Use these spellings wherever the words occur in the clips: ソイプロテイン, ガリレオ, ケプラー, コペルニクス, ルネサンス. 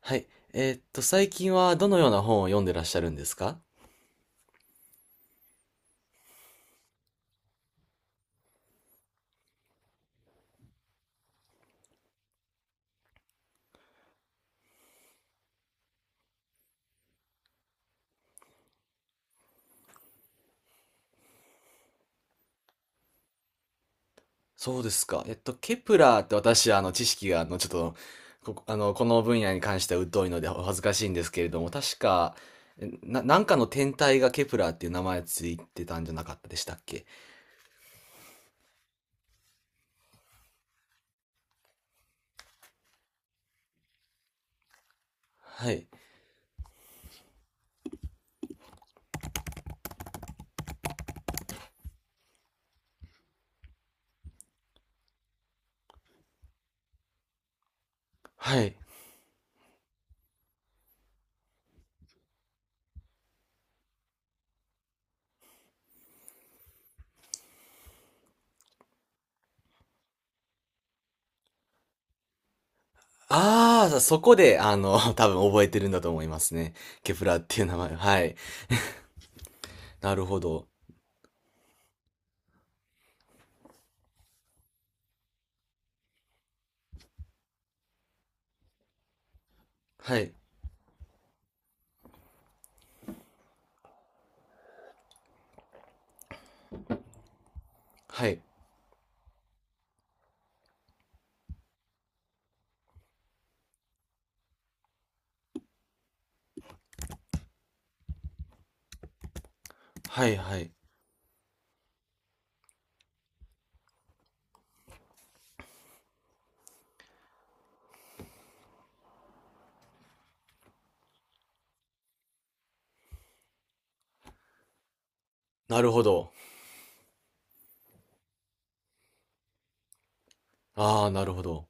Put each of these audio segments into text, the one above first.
はい。最近はどのような本を読んでらっしゃるんですか？そうですか。ケプラーって私、知識が、あの、ちょっと、こ、あの、この分野に関しては疎いのでお恥ずかしいんですけれども、確か、なんかの天体がケプラーっていう名前ついてたんじゃなかったでしたっけ？はい。はい。ああ、そこで、多分覚えてるんだと思いますね。ケプラーっていう名前。はい。なるほど。はい。はい。はい、はい。なるほど。ああ、なるほど。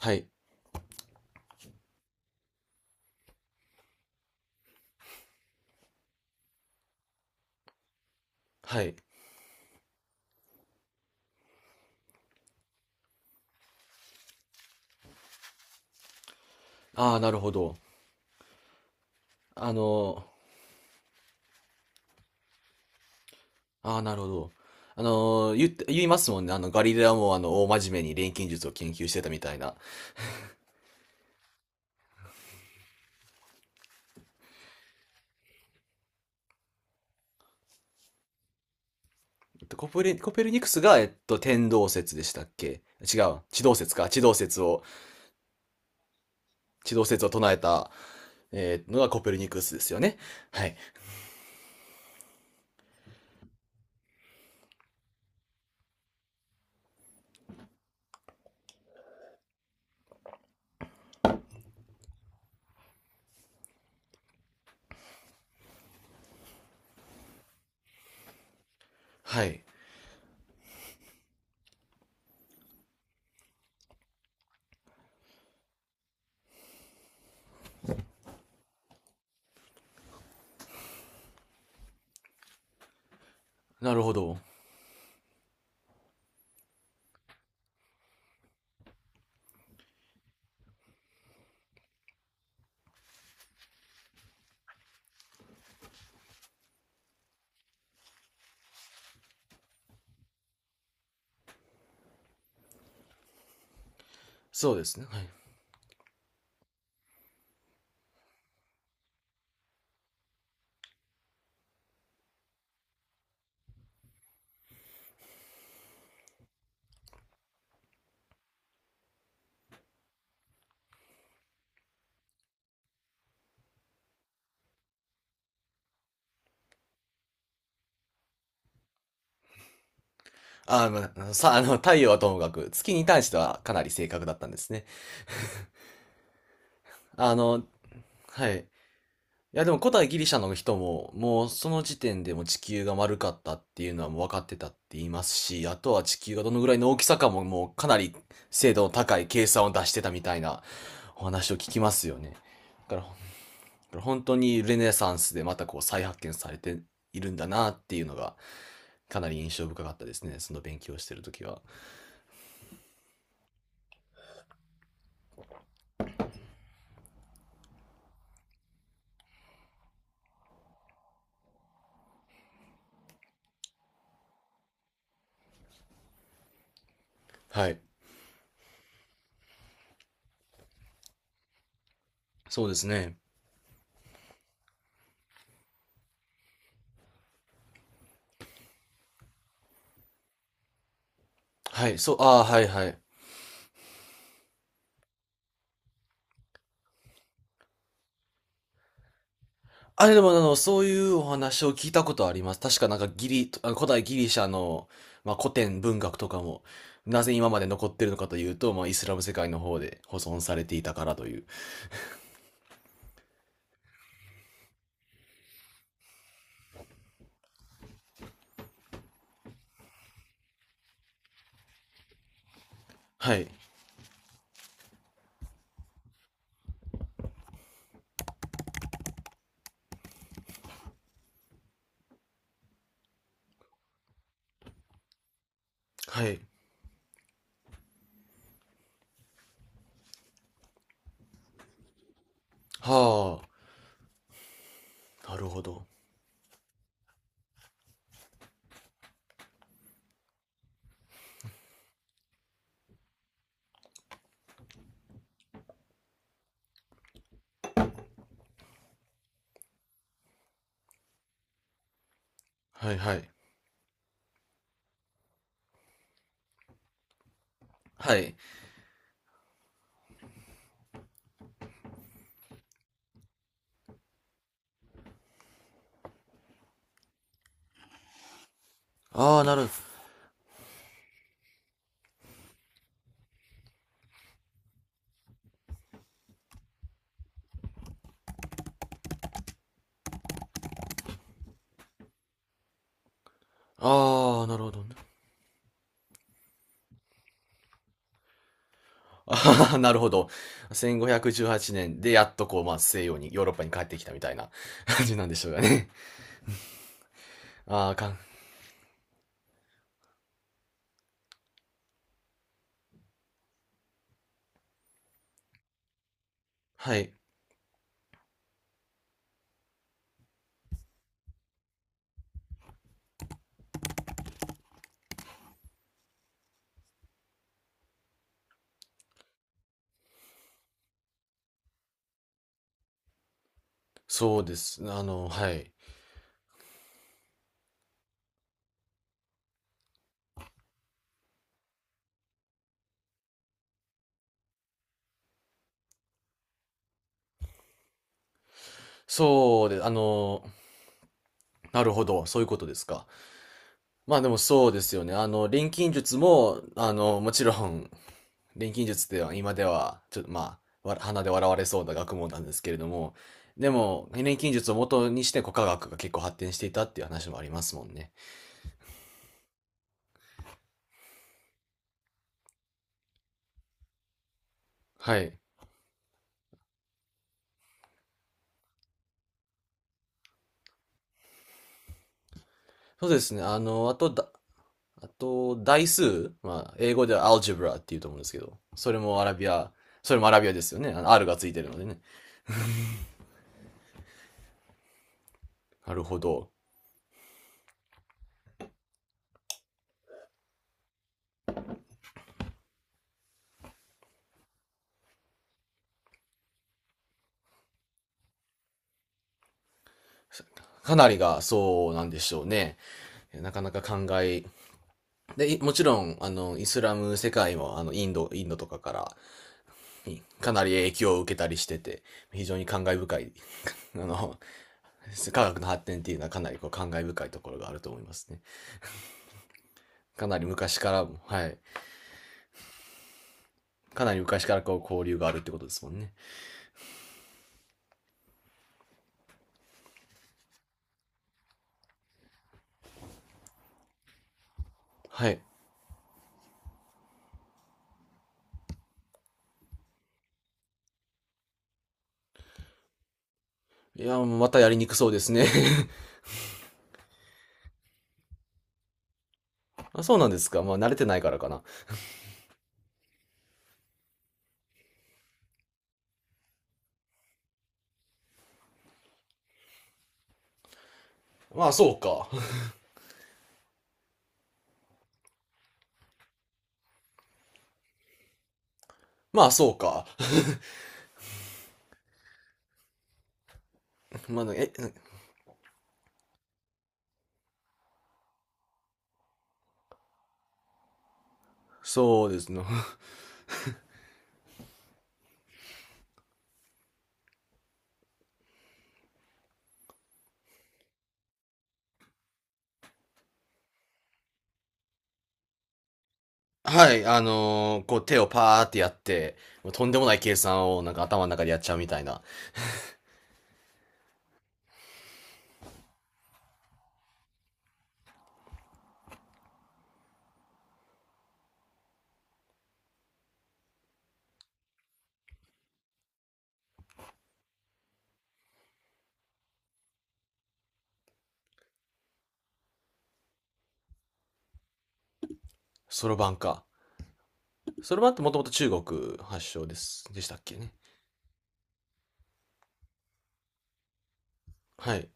はい。はい。ああ、なるほど。あの、ああ、なるほど。あの、言って、言いますもんね。ガリレオも、大真面目に錬金術を研究してたみたいな。コペルニクスが、天動説でしたっけ？違う。地動説か。地動説を唱えた、のがコペルニクスですよね。はい。はい。なるほど。そうですね。はい。あの、まあさ、あの、太陽はともかく、月に対してはかなり正確だったんですね。あの、はい。いやでも古代ギリシャの人ももうその時点でもう地球が丸かったっていうのはもう分かってたって言いますし、あとは地球がどのぐらいの大きさかももうかなり精度の高い計算を出してたみたいなお話を聞きますよね。だから本当にルネサンスでまたこう再発見されているんだなっていうのがかなり印象深かったですね。その勉強をしてる時は。はい。そうですね。はい。そう、ああ、はいはい。あれでも、そういうお話を聞いたことあります。確かなんかギリ、あの古代ギリシャの、まあ、古典文学とかも、なぜ今まで残ってるのかというと、まあ、イスラム世界の方で保存されていたからという。はい。はい。はあ。なるほど。はいはい。はい。ああ、なる、ああ、なるほどね。ああ、なるほど。1518年でやっとこう、まあ、西洋に、ヨーロッパに帰ってきたみたいな 感じなんでしょうかね。ああ、かん、はい。そうです。はい。そうで、あの、なるほど、そういうことですか。まあでもそうですよね。錬金術も、もちろん、錬金術では今では、ちょっとまあ、わ鼻で笑われそうな学問なんですけれども、でも、錬金術を元にして古科学が結構発展していたっていう話もありますもんね。はい。そうですね。あの、あとだ、あと、代数、まあ、英語ではアルジブラっていうと思うんですけど、それもアラビアですよね。あの R がついてるのでね。なるほど。かなりがそうなんでしょうね。なかなか考え。で、もちろん、イスラム世界も、インドとかから、かなり影響を受けたりしてて、非常に感慨深い、あの、科学の発展っていうのはかなりこう感慨深いところがあると思いますね。かなり昔からも、はい。かなり昔からこう交流があるってことですもんね。はい。いや、またやりにくそうですね。あそうなんですか。まあ、慣れてないからかな。まあ、そうか。まあ、そうか。まあ、え、そうですね。はい、こう手をパーってやって、とんでもない計算をなんか頭の中でやっちゃうみたいな。そろばんか。そろばんってもともと中国発祥です。でしたっけね。はい。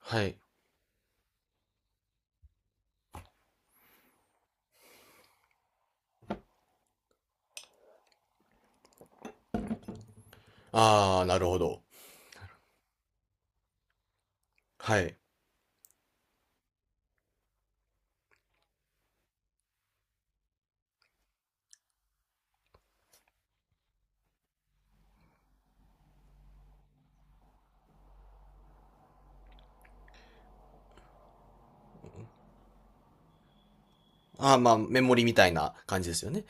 はい。あー、なるほど。はい。あー、まあ、メモリみたいな感じですよね。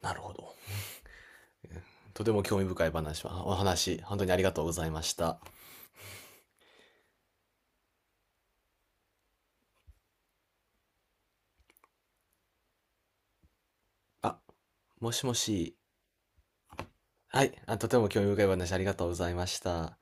なるほど。とても興味深い話は、お話、本当にありがとうございました。あ、もしもし。はい。あ、とても興味深い話ありがとうございました。